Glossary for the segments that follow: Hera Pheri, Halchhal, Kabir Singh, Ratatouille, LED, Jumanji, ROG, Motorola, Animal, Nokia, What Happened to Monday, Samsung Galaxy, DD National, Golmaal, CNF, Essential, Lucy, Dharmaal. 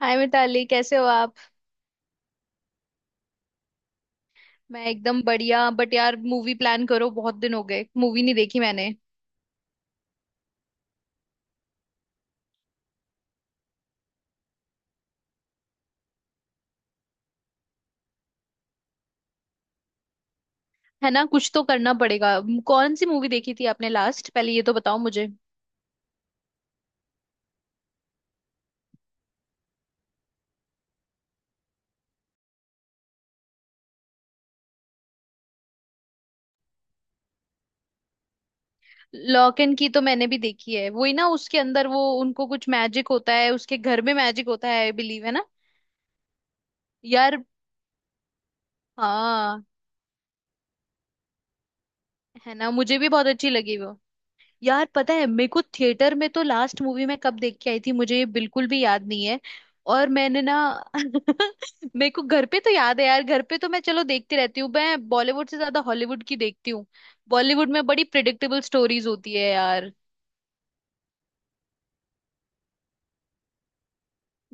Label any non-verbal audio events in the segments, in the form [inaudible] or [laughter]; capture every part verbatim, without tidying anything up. हाय मिताली, कैसे हो आप। मैं एकदम बढ़िया। बट यार, मूवी प्लान करो। बहुत दिन हो गए, मूवी नहीं देखी मैंने। है ना, कुछ तो करना पड़ेगा। म- कौन सी मूवी देखी थी आपने लास्ट? पहले ये तो बताओ मुझे। लॉक एंड की तो मैंने भी देखी है। वही ना, उसके अंदर वो, उनको कुछ मैजिक होता है, उसके घर में मैजिक होता है, आई बिलीव। है ना? यार हाँ, है ना, मुझे भी बहुत अच्छी लगी वो। यार पता है, मेरे को थिएटर में तो लास्ट मूवी मैं कब देख के आई थी मुझे ये बिल्कुल भी याद नहीं है। और मैंने ना [laughs] मेरे को घर पे तो याद है। यार घर पे तो मैं चलो देखती रहती हूँ। मैं बॉलीवुड से ज्यादा हॉलीवुड की देखती हूँ। बॉलीवुड में बड़ी प्रिडिक्टेबल स्टोरीज होती है यार।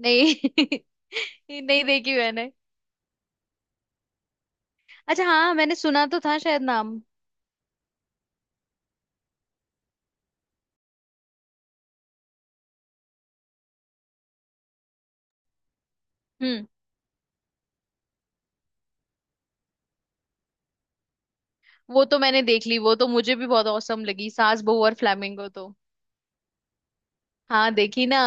नहीं [laughs] ये नहीं देखी मैंने। अच्छा हाँ, मैंने सुना तो था शायद नाम। हम्म। वो तो मैंने देख ली। वो तो मुझे भी बहुत औसम लगी सास बहू और फ्lamingo तो। हाँ देखी ना।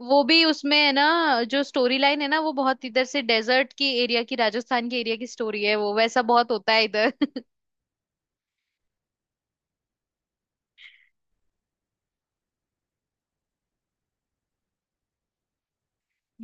वो भी उसमें है ना, जो स्टोरी लाइन है ना, वो बहुत इधर से डेजर्ट की एरिया की, राजस्थान के एरिया की स्टोरी है। वो वैसा बहुत होता है इधर।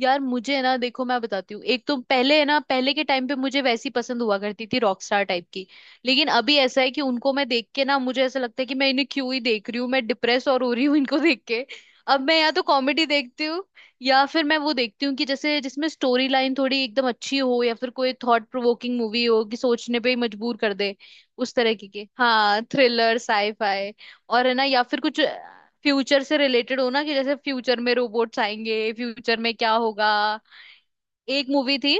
यार मुझे ना, देखो मैं बताती हूँ। एक तो पहले है ना, पहले के टाइम पे मुझे वैसी पसंद हुआ करती थी, रॉक स्टार टाइप की। लेकिन अभी ऐसा है कि उनको मैं देख के ना, मुझे ऐसा लगता है कि मैं इन्हें क्यों ही देख रही हूँ, मैं डिप्रेस और हो रही हूँ इनको देख के। अब मैं या तो कॉमेडी देखती हूँ, या फिर मैं वो देखती हूँ कि जैसे जिसमें स्टोरी लाइन थोड़ी एकदम अच्छी हो, या फिर कोई थॉट प्रोवोकिंग मूवी हो कि सोचने पे ही मजबूर कर दे। उस तरह की के, हाँ, थ्रिलर साईफाई। और है ना, या फिर कुछ फ्यूचर से रिलेटेड हो ना, कि जैसे फ्यूचर में रोबोट्स आएंगे, फ्यूचर में क्या होगा। एक मूवी थी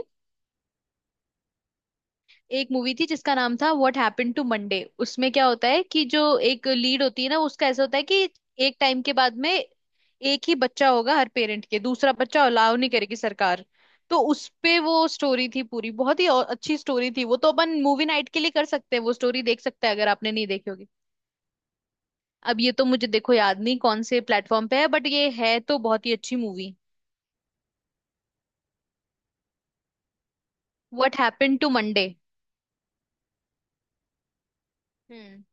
एक मूवी थी जिसका नाम था व्हाट हैपेंड टू मंडे। उसमें क्या होता है कि जो एक लीड होती है ना, उसका ऐसा होता है कि एक टाइम के बाद में एक ही बच्चा होगा हर पेरेंट के, दूसरा बच्चा अलाउ नहीं करेगी सरकार। तो उस पे वो स्टोरी थी पूरी, बहुत ही और अच्छी स्टोरी थी वो तो। अपन मूवी नाइट के लिए कर सकते हैं, वो स्टोरी देख सकते हैं अगर आपने नहीं देखी होगी। अब ये तो मुझे देखो याद नहीं कौन से प्लेटफॉर्म पे है, बट ये है तो बहुत ही अच्छी movie. What happened to Monday. हम्म।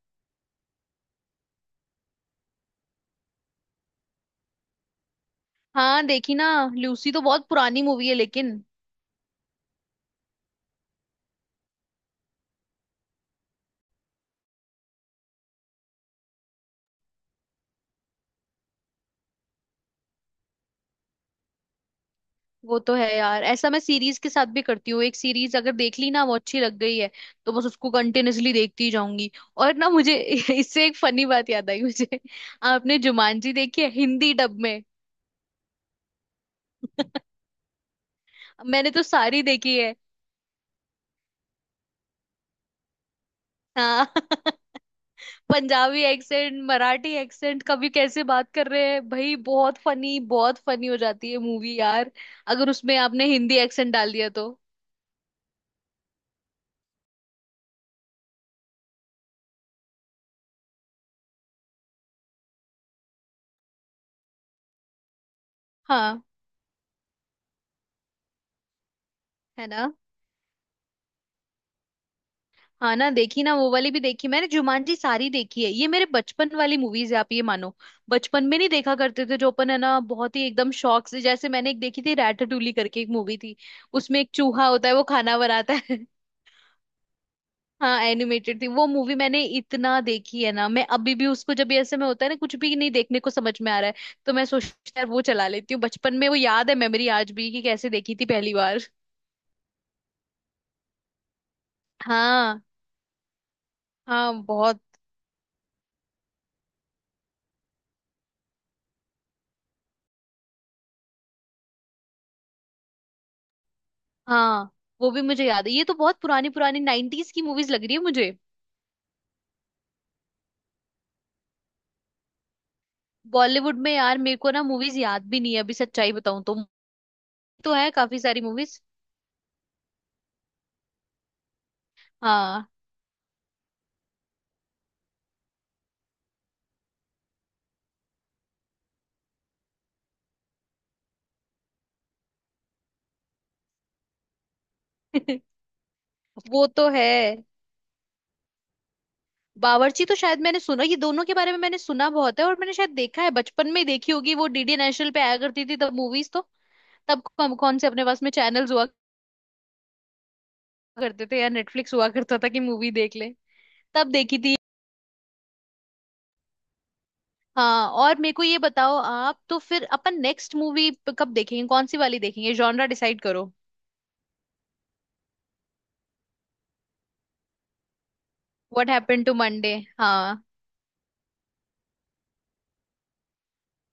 हाँ देखी ना। लूसी तो बहुत पुरानी मूवी है लेकिन। वो तो है यार, ऐसा मैं सीरीज के साथ भी करती हूँ। एक सीरीज अगर देख ली ना वो अच्छी लग गई है, तो बस उसको कंटिन्यूअसली देखती ही जाऊंगी। और ना मुझे [laughs] इससे एक फनी बात याद आई मुझे। आपने जुमानजी देखी है हिंदी डब में? मैंने तो सारी देखी है। हाँ [laughs] पंजाबी एक्सेंट, मराठी एक्सेंट, कभी कैसे बात कर रहे हैं भाई, बहुत फनी, बहुत फनी हो जाती है मूवी यार। अगर उसमें आपने हिंदी एक्सेंट डाल दिया तो। हाँ, है ना। हाँ ना, देखी ना, वो वाली भी देखी मैंने। जुमानजी सारी देखी है। ये मेरे बचपन वाली मूवीज है आप ये मानो। बचपन में नहीं देखा करते थे जो अपन है ना, बहुत ही एकदम शौक से। जैसे मैंने एक देखी थी रैटाटूली करके, एक मूवी थी। उसमें एक चूहा होता है, वो खाना बनाता है। हाँ, एनिमेटेड थी वो मूवी। मैंने इतना देखी है ना, मैं अभी भी उसको जब भी ऐसे में होता है ना कुछ भी नहीं देखने को समझ में आ रहा है। तो मैं सोचती हूँ यार, वो चला लेती हूँ। बचपन में वो याद है, मेमोरी आज भी कि कैसे देखी थी पहली बार। हाँ, हाँ, बहुत। हाँ वो भी मुझे याद है। ये तो बहुत पुरानी पुरानी नाइनटीज की मूवीज लग रही है मुझे। बॉलीवुड में यार मेरे को ना मूवीज याद भी नहीं है अभी, सच्चाई बताऊं तो। तो है काफी सारी मूवीज। हाँ [laughs] वो तो है। बावर्ची तो शायद मैंने सुना, ये दोनों के बारे में मैंने सुना बहुत है, और मैंने शायद देखा है, बचपन में ही देखी होगी, वो डीडी नेशनल पे आया करती थी तब मूवीज तो। तब कौन कौन से अपने पास में चैनल्स हुआ करते थे, या नेटफ्लिक्स हुआ करता था कि मूवी देख ले। तब देखी थी। हाँ और मेरे को ये बताओ आप, तो फिर अपन नेक्स्ट मूवी कब देखेंगे, कौन सी वाली देखेंगे, जॉनरा डिसाइड करो। What happened to Monday. हाँ,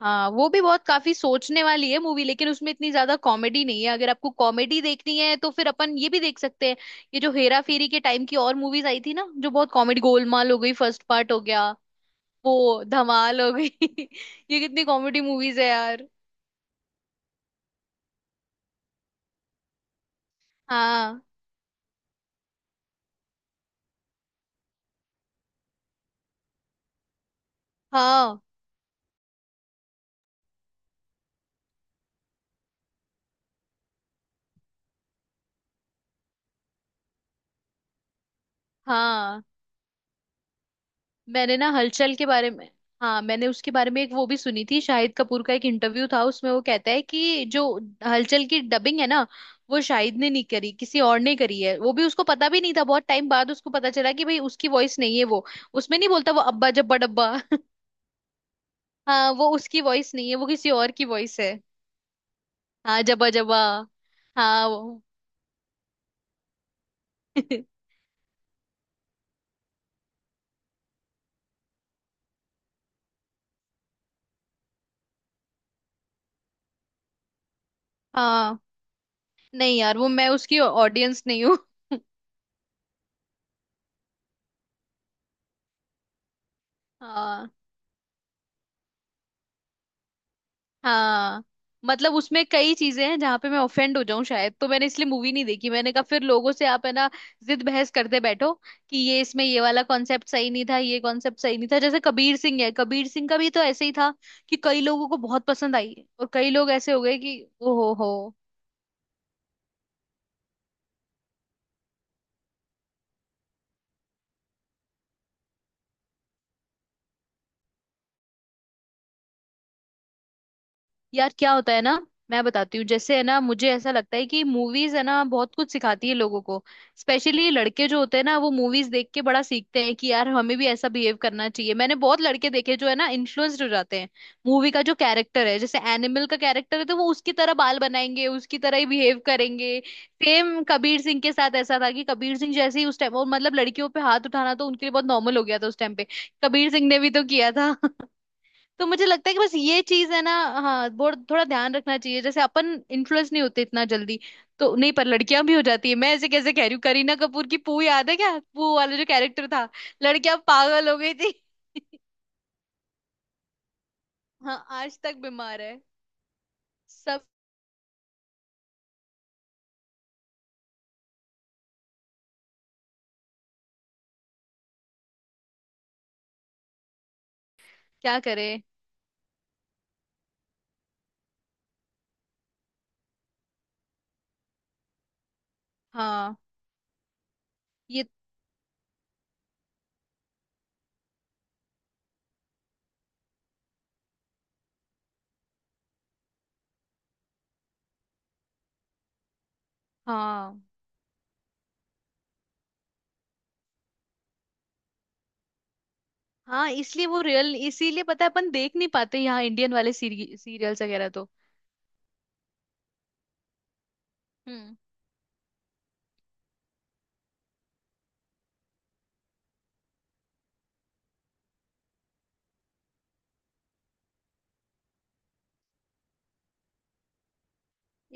हाँ। वो भी बहुत काफी सोचने वाली है मूवी, लेकिन उसमें इतनी ज्यादा कॉमेडी नहीं है। अगर आपको कॉमेडी देखनी है तो फिर अपन ये भी देख सकते हैं। ये जो हेरा फेरी के टाइम की और मूवीज आई थी ना, जो बहुत कॉमेडी, गोलमाल हो गई, फर्स्ट पार्ट हो गया। वो धमाल हो गई [laughs] ये कितनी कॉमेडी मूवीज है यार। हाँ, हाँ, हाँ। मैंने ना हलचल के बारे में। हाँ, मैंने उसके बारे में एक वो भी सुनी थी, शाहिद कपूर का एक इंटरव्यू था, उसमें वो कहता है कि जो हलचल की डबिंग है ना, वो शाहिद ने नहीं करी, किसी और ने करी है। वो भी उसको पता भी नहीं था, बहुत टाइम बाद उसको पता चला कि भाई उसकी वॉइस नहीं है वो। उसमें नहीं बोलता वो अब्बा जब्बा डब्बा [laughs] हाँ वो उसकी वॉइस नहीं है, वो किसी और की वॉइस है। हाँ जब्बा जब्बा, हाँ वो [laughs] हाँ। नहीं यार, वो मैं उसकी ऑडियंस नहीं हूँ [laughs] हाँ। हाँ मतलब उसमें कई चीजें हैं जहां पे मैं ऑफेंड हो जाऊं शायद, तो मैंने इसलिए मूवी नहीं देखी। मैंने कहा फिर लोगों से आप है ना जिद बहस करते बैठो। कि ये इसमें ये वाला कॉन्सेप्ट सही नहीं था, ये कॉन्सेप्ट सही नहीं था। जैसे कबीर सिंह है, कबीर सिंह का भी तो ऐसे ही था। कि कई लोगों को बहुत पसंद आई, और कई लोग ऐसे हो गए कि ओ हो हो। यार क्या होता है ना, मैं बताती हूँ। जैसे है ना मुझे ऐसा लगता है कि मूवीज है ना बहुत कुछ सिखाती है लोगों को। स्पेशली लड़के जो होते हैं ना, वो मूवीज देख के बड़ा सीखते हैं कि यार हमें भी ऐसा बिहेव करना चाहिए। मैंने बहुत लड़के देखे जो है ना इन्फ्लुएंस्ड हो जाते हैं। मूवी का जो कैरेक्टर है, जैसे एनिमल का कैरेक्टर है, तो वो उसकी तरह बाल बनाएंगे, उसकी तरह ही बिहेव करेंगे। सेम कबीर सिंह के साथ ऐसा था कि कबीर सिंह जैसे ही उस टाइम और मतलब, लड़कियों पे हाथ उठाना तो उनके लिए बहुत नॉर्मल हो गया था उस टाइम पे। कबीर सिंह ने भी तो किया था। तो मुझे लगता है कि बस ये चीज है ना। हाँ बहुत, थोड़ा ध्यान रखना चाहिए। जैसे अपन इन्फ्लुएंस नहीं होते इतना जल्दी। तो नहीं, पर लड़कियां भी हो जाती है। मैं ऐसे कैसे कह रही हूँ, करीना कपूर की पू याद है क्या, पू वाला जो कैरेक्टर था। लड़कियां पागल हो गई थी [laughs] हाँ आज तक बीमार है सब, क्या करे। हाँ ये, हाँ, हाँ, इसलिए वो रियल, इसीलिए पता है अपन देख नहीं पाते यहाँ इंडियन वाले सीरियल्स वगैरह तो। हम्म।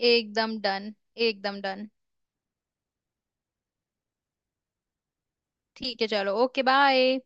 एकदम डन, एकदम डन। ठीक है, चलो, ओके बाय।